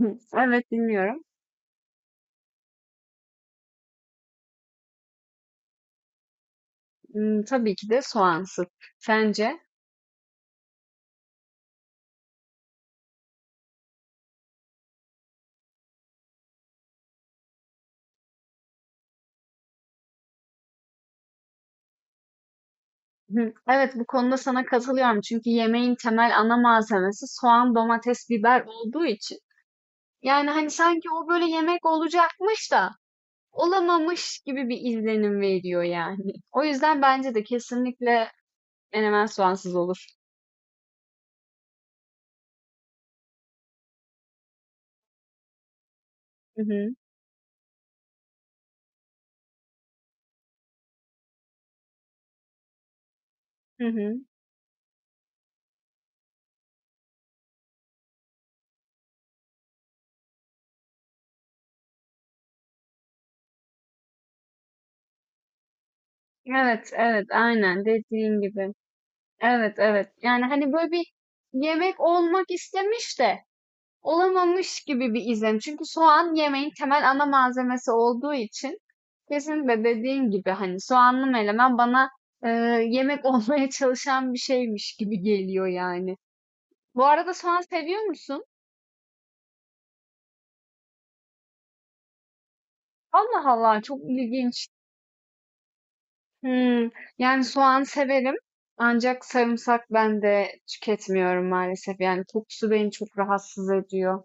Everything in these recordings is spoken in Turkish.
Hı, evet dinliyorum. Hmm, tabii ki de soğansız. Sence? Hı, evet, bu konuda sana katılıyorum, çünkü yemeğin temel ana malzemesi soğan, domates, biber olduğu için. Yani hani sanki o böyle yemek olacakmış da olamamış gibi bir izlenim veriyor yani. O yüzden bence de kesinlikle menemen soğansız olur. Hı hı, hı hı. Evet, evet, aynen dediğin gibi. Evet, evet. Yani hani böyle bir yemek olmak istemiş de olamamış gibi bir izlenim. Çünkü soğan yemeğin temel ana malzemesi olduğu için kesinlikle dediğin gibi hani soğanlı menemen bana e, yemek olmaya çalışan bir şeymiş gibi geliyor yani. Bu arada soğan seviyor musun? Allah Allah, çok ilginç. Hmm, yani soğan severim ancak sarımsak ben de tüketmiyorum maalesef. Yani kokusu beni çok rahatsız ediyor.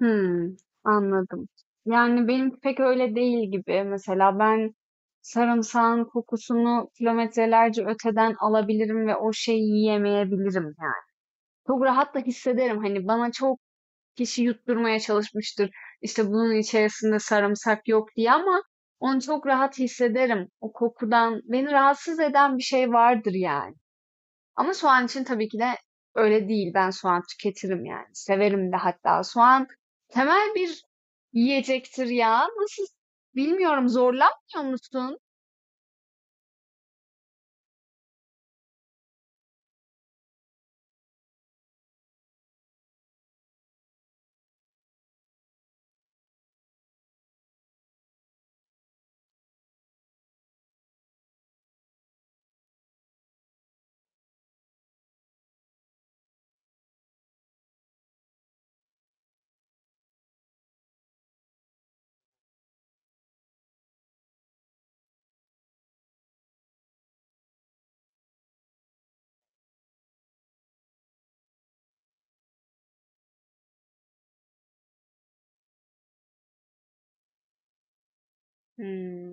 Hımm, anladım. Yani benim pek öyle değil gibi. Mesela ben sarımsağın kokusunu kilometrelerce öteden alabilirim ve o şeyi yiyemeyebilirim yani. Çok rahat da hissederim. Hani bana çok kişi yutturmaya çalışmıştır, işte, bunun içerisinde sarımsak yok diye, ama onu çok rahat hissederim. O kokudan beni rahatsız eden bir şey vardır yani. Ama soğan için tabii ki de öyle değil. Ben soğan tüketirim yani. Severim de hatta. Soğan temel bir yiyecektir ya. Nasıl, bilmiyorum, zorlanmıyor musun? Hmm.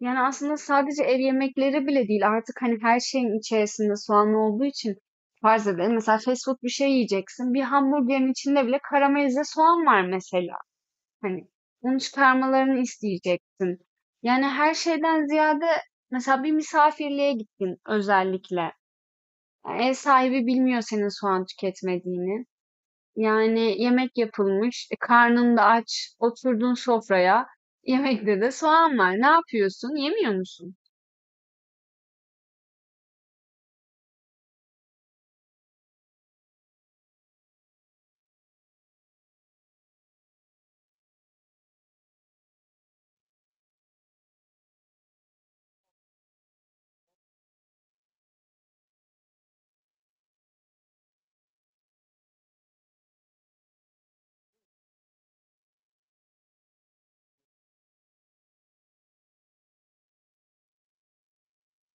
Yani aslında sadece ev yemekleri bile değil. Artık hani her şeyin içerisinde soğan olduğu için, farz edelim, mesela fast food bir şey yiyeceksin. Bir hamburgerin içinde bile karamelize soğan var mesela. Hani bunu çıkarmalarını isteyeceksin. Yani her şeyden ziyade, mesela bir misafirliğe gittin özellikle. Yani ev sahibi bilmiyor senin soğan tüketmediğini. Yani yemek yapılmış, karnın da aç, oturdun sofraya. Yemekte de soğan var. Ne yapıyorsun? Yemiyor musun?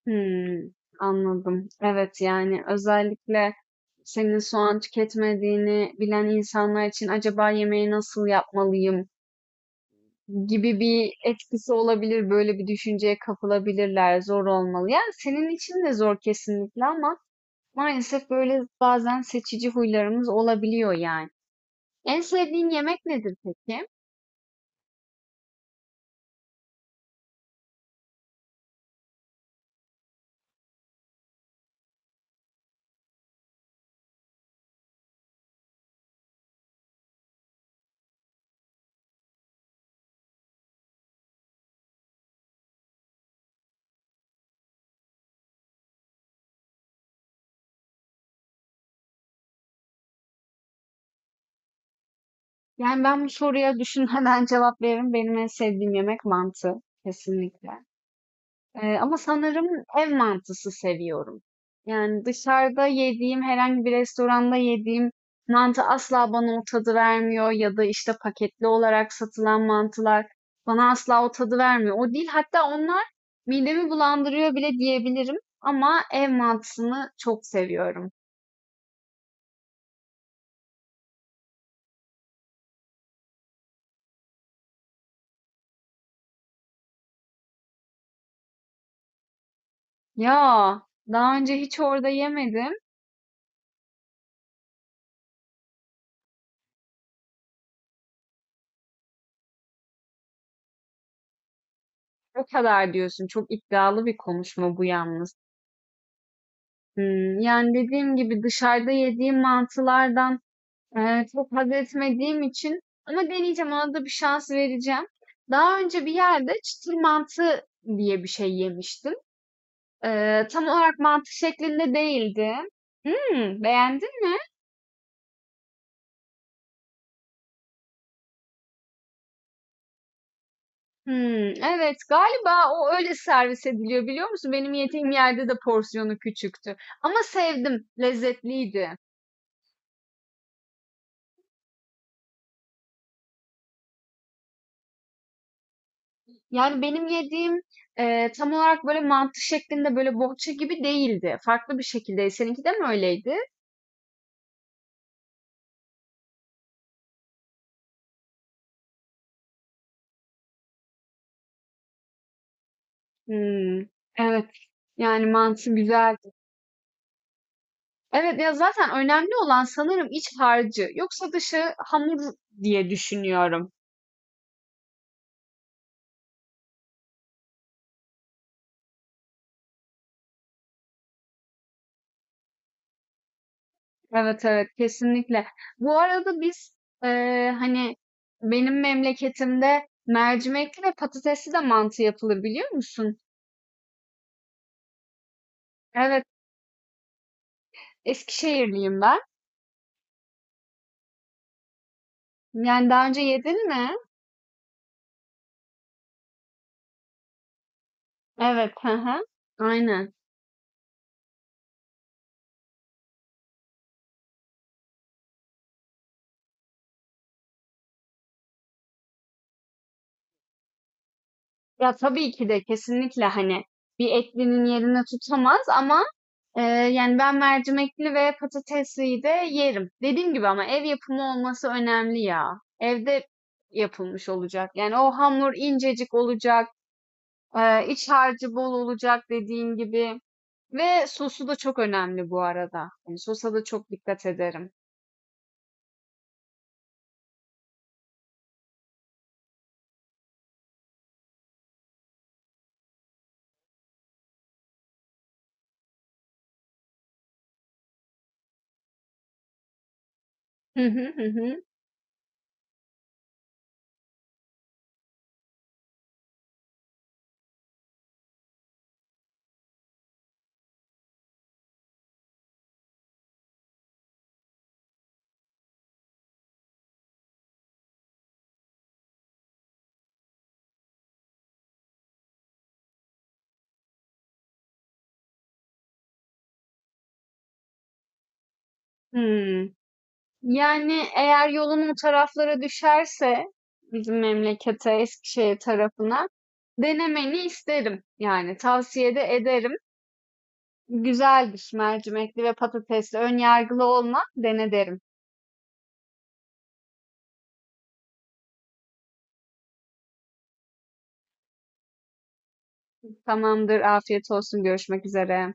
Hmm, anladım. Evet, yani özellikle senin soğan tüketmediğini bilen insanlar için, "Acaba yemeği nasıl yapmalıyım?" gibi bir etkisi olabilir. Böyle bir düşünceye kapılabilirler. Zor olmalı. Yani senin için de zor kesinlikle, ama maalesef böyle bazen seçici huylarımız olabiliyor yani. En sevdiğin yemek nedir peki? Yani ben bu soruya düşünmeden cevap veririm. Benim en sevdiğim yemek mantı. Kesinlikle. Ama sanırım ev mantısı seviyorum. Yani dışarıda yediğim, herhangi bir restoranda yediğim mantı asla bana o tadı vermiyor, ya da işte paketli olarak satılan mantılar bana asla o tadı vermiyor. O değil, hatta onlar midemi bulandırıyor bile diyebilirim, ama ev mantısını çok seviyorum. Ya daha önce hiç orada yemedim. O kadar diyorsun. Çok iddialı bir konuşma bu yalnız. Hmm, yani dediğim gibi dışarıda yediğim mantılardan çok haz etmediğim için, ama deneyeceğim, ona da bir şans vereceğim. Daha önce bir yerde çıtır mantı diye bir şey yemiştim. Tam olarak mantı şeklinde değildi. Hımm, beğendin mi? Hımm, evet, galiba o öyle servis ediliyor, biliyor musun? Benim yediğim yerde de porsiyonu küçüktü, ama sevdim, lezzetliydi. Yani benim yediğim, tam olarak böyle mantı şeklinde, böyle bohça gibi değildi. Farklı bir şekildeydi. Seninki de mi öyleydi? Hmm, evet. Yani mantığı güzeldi. Evet, ya, zaten önemli olan sanırım iç harcı. Yoksa dışı hamur diye düşünüyorum. Evet, evet, kesinlikle. Bu arada biz, hani, benim memleketimde mercimekli ve patatesli de mantı yapılır, biliyor musun? Evet, Eskişehirliyim ben. Yani daha önce yedin mi? Evet, hı hı. Aynen. Ya tabii ki de, kesinlikle hani bir etlinin yerini tutamaz, ama e, yani ben mercimekli ve patatesliyi de yerim. Dediğim gibi, ama ev yapımı olması önemli ya. Evde yapılmış olacak. Yani o hamur incecik olacak, iç harcı bol olacak, dediğin gibi. Ve sosu da çok önemli bu arada. Yani sosa da çok dikkat ederim. Hı hı, hı hı. Hmm. Yani eğer yolun o taraflara düşerse, bizim memlekete, Eskişehir tarafına, denemeni isterim. Yani tavsiye de ederim. Güzeldir mercimekli ve patatesli. Ön yargılı olma, dene derim. Tamamdır, afiyet olsun. Görüşmek üzere.